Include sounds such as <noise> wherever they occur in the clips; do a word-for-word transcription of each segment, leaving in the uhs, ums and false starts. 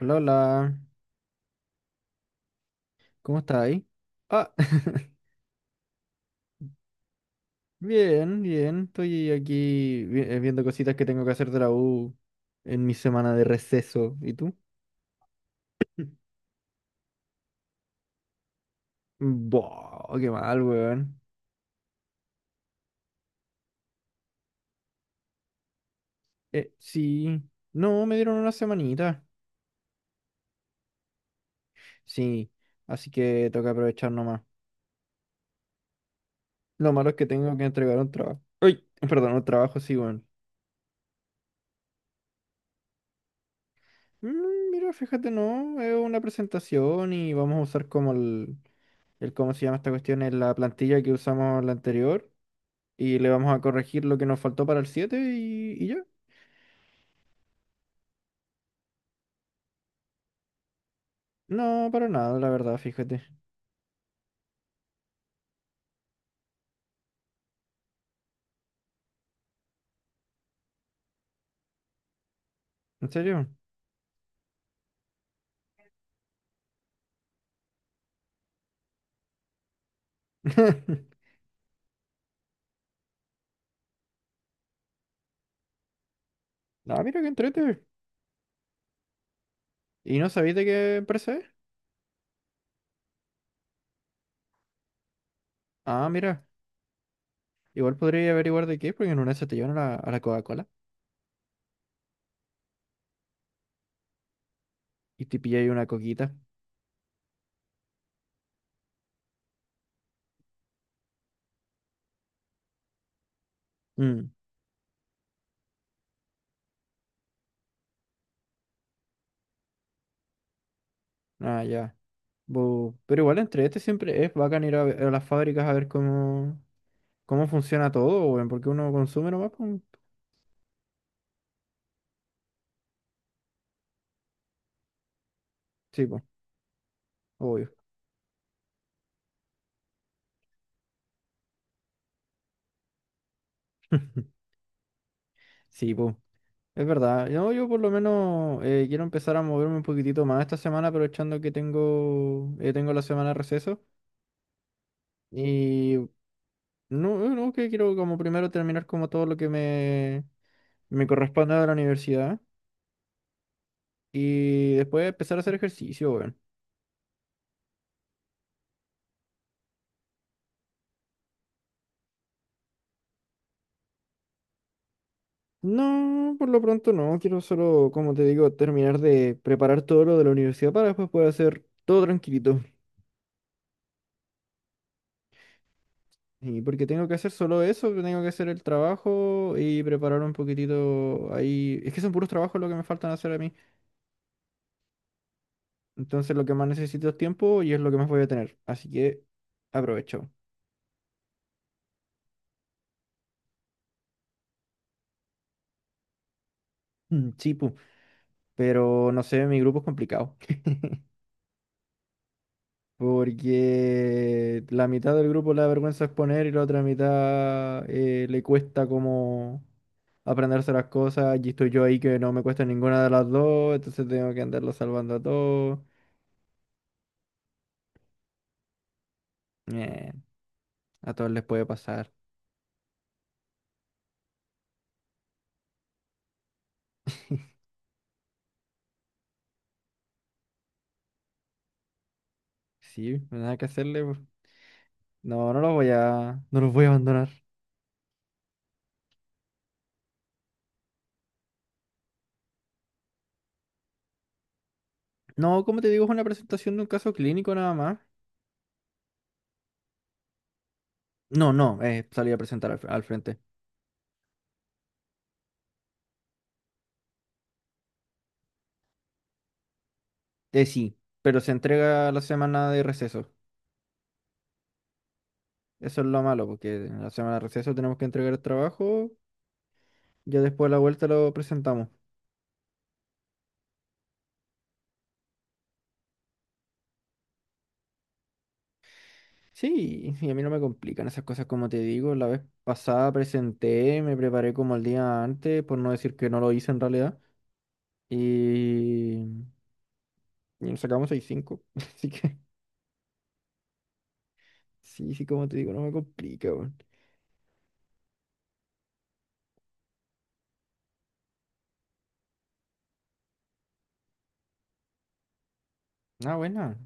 Hola, hola. ¿Cómo estás ahí? Ah, <laughs> bien, bien. Estoy aquí vi- eh, viendo cositas que tengo que hacer de la U en mi semana de receso. ¿Y tú? Buah, qué mal, weón. Eh, sí. No, me dieron una semanita. Sí, así que toca aprovechar nomás. Lo malo es que tengo que entregar un trabajo. Uy, perdón, un trabajo, sí, weón. Mm, mira, fíjate, no, es una presentación y vamos a usar como el, el, ¿cómo se llama esta cuestión? Es la plantilla que usamos la anterior. Y le vamos a corregir lo que nos faltó para el siete y, y ya. No, para nada, la verdad, fíjate. ¿En serio? <laughs> Ah, mira qué entrete. ¿Y no sabéis de qué empresa es? Ah, mira. Igual podría averiguar de qué es, porque en una se te llevan a la, a la Coca-Cola y te pilláis una coquita. Mm. Ah, ya. Bu, pero igual entrete siempre es bacán ir a, ve- a las fábricas a ver cómo, cómo funciona todo, weón, porque uno consume nomás, pues. Sí, pues, obvio. <laughs> Sí, pues. Es verdad, no, yo por lo menos eh, quiero empezar a moverme un poquitito más esta semana, aprovechando que tengo, eh, tengo la semana de receso. Y no, eh, no, que quiero como primero terminar como todo lo que me, me corresponde de la universidad y después empezar a hacer ejercicio, weón. No, por lo pronto no, quiero solo, como te digo, terminar de preparar todo lo de la universidad para después poder hacer todo tranquilito. Y porque tengo que hacer solo eso, que tengo que hacer el trabajo y preparar un poquitito ahí. Es que son puros trabajos lo que me faltan hacer a mí. Entonces lo que más necesito es tiempo y es lo que más voy a tener. Así que aprovecho. Mm. Sí, pu. Pero no sé, mi grupo es complicado. Porque la mitad del grupo le da vergüenza exponer y la otra mitad eh, le cuesta como aprenderse las cosas. Y estoy yo ahí que no me cuesta ninguna de las dos, entonces tengo que andarlo salvando a todos. Eh, A todos les puede pasar. <laughs> Sí, no hay nada que hacerle, pues. No, no los voy a, no los voy a abandonar. No, como te digo, es una presentación de un caso clínico nada más. No, no, eh, salí a presentar al, al frente. Eh, sí, pero se entrega la semana de receso. Eso es lo malo, porque en la semana de receso tenemos que entregar el trabajo, ya después de la vuelta lo presentamos. Sí, y a mí no me complican esas cosas como te digo. La vez pasada presenté, me preparé como el día antes, por no decir que no lo hice en realidad. Y Y nos sacamos seis cinco. <laughs> Así que, sí, sí, como te digo, no me complica, weón. Ah, buena.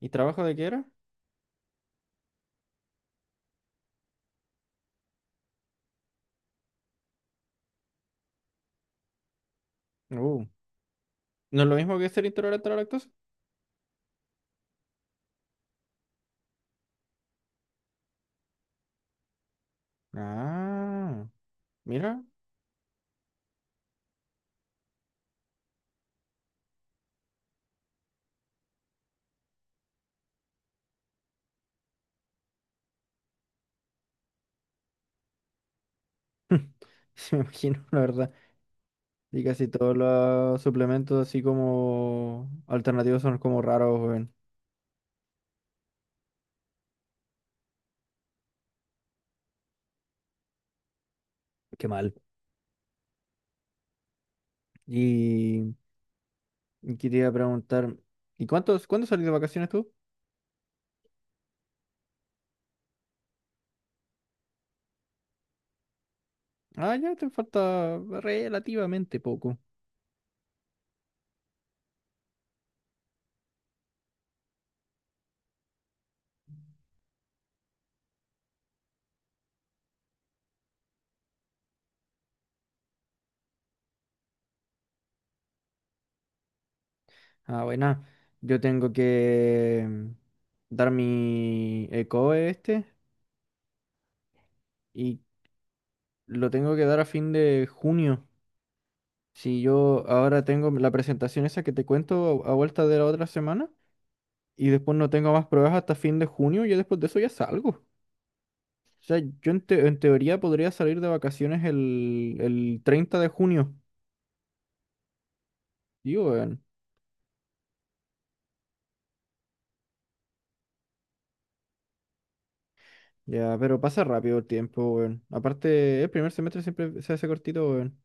¿Y trabajo de qué era? Uh, ¿No es lo mismo que ser intolerante a la lactosa? Ah, mira. <laughs> Se me imagino, la verdad. Y casi todos los suplementos así como alternativos son como raros, weón. Qué mal. Y, y quería preguntar, ¿y cuántos, cuándo salís de vacaciones tú? Ah, ya te falta relativamente poco. Ah, buena. Yo tengo que mm, dar mi ECOE este y lo tengo que dar a fin de junio. Si yo ahora tengo la presentación esa que te cuento a a vuelta de la otra semana y después no tengo más pruebas hasta fin de junio. Y después de eso ya salgo. O sea, yo en, te- en teoría podría salir de vacaciones el, el treinta de junio. Digo, weón. Ya, pero pasa rápido el tiempo, weón. Aparte, el primer semestre siempre se hace cortito, weón.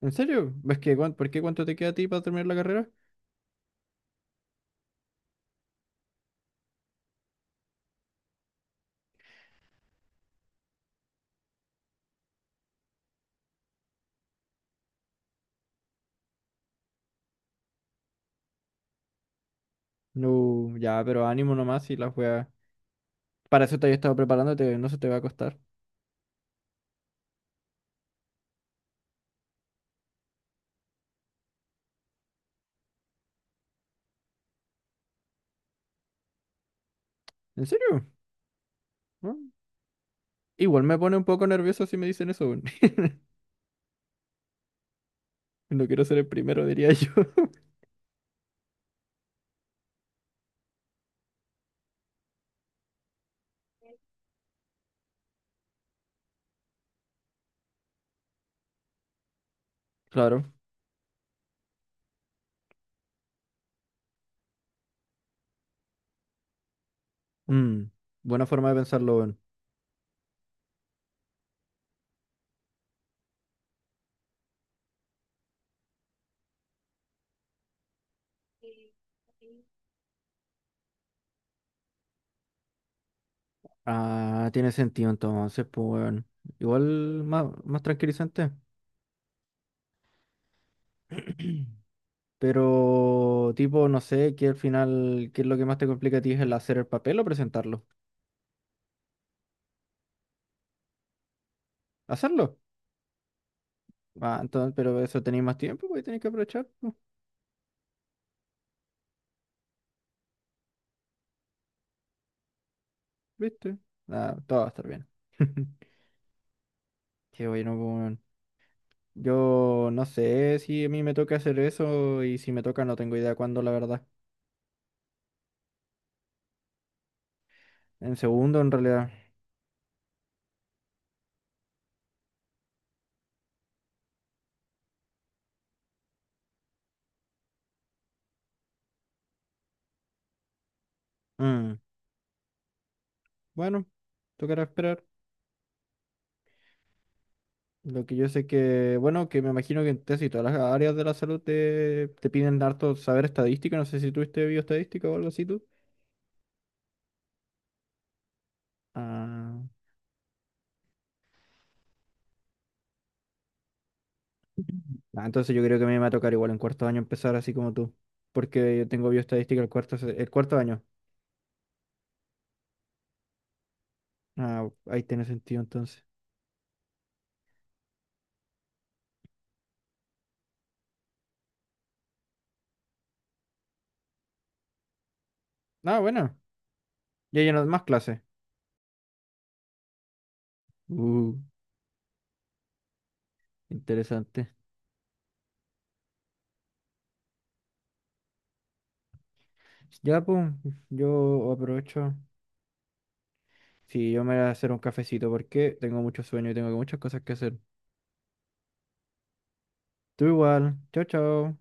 ¿En serio? ¿Ves que cuán- por qué cuánto te queda a ti para terminar la carrera? No, ya, pero ánimo nomás y las weas. Para eso te había estado preparándote, no se te va a costar. ¿En serio? ¿No? Igual me pone un poco nervioso si me dicen eso, weón. <laughs> No quiero ser el primero, diría yo. <laughs> Claro. Mm, Buena forma de pensarlo, weón. Ah, tiene sentido entonces, pues, weón. Igual más, más tranquilizante. <clears throat> Pero, tipo, no sé, que al final, ¿qué es lo que más te complica a ti? ¿Es el hacer el papel o presentarlo? ¿Hacerlo? Ah, entonces, pero eso tenéis más tiempo, pues tenéis que aprovechar, pues, ¿viste? Ah, todo va a estar bien. <laughs> Qué bueno, pues. Yo no sé si a mí me toca hacer eso y si me toca no tengo idea cuándo, la verdad. En segundo, en realidad. Mm, Bueno, tocará esperar. Lo que yo sé que, bueno, que me imagino que en casi todas las áreas de la salud te, te piden harto saber estadística. No sé si tuviste bioestadística o algo así tú. Ah. Ah, entonces yo creo que a mí me va a tocar igual en cuarto año empezar así como tú, porque yo tengo bioestadística el cuarto, se- el cuarto año. Ah, ahí tiene sentido entonces. Ah, bueno, ya lleno más clases. Uh, Interesante. Ya, pues, yo aprovecho. Sí, yo me voy a hacer un cafecito porque tengo mucho sueño y tengo muchas cosas que hacer. Tú igual. Chao, chao.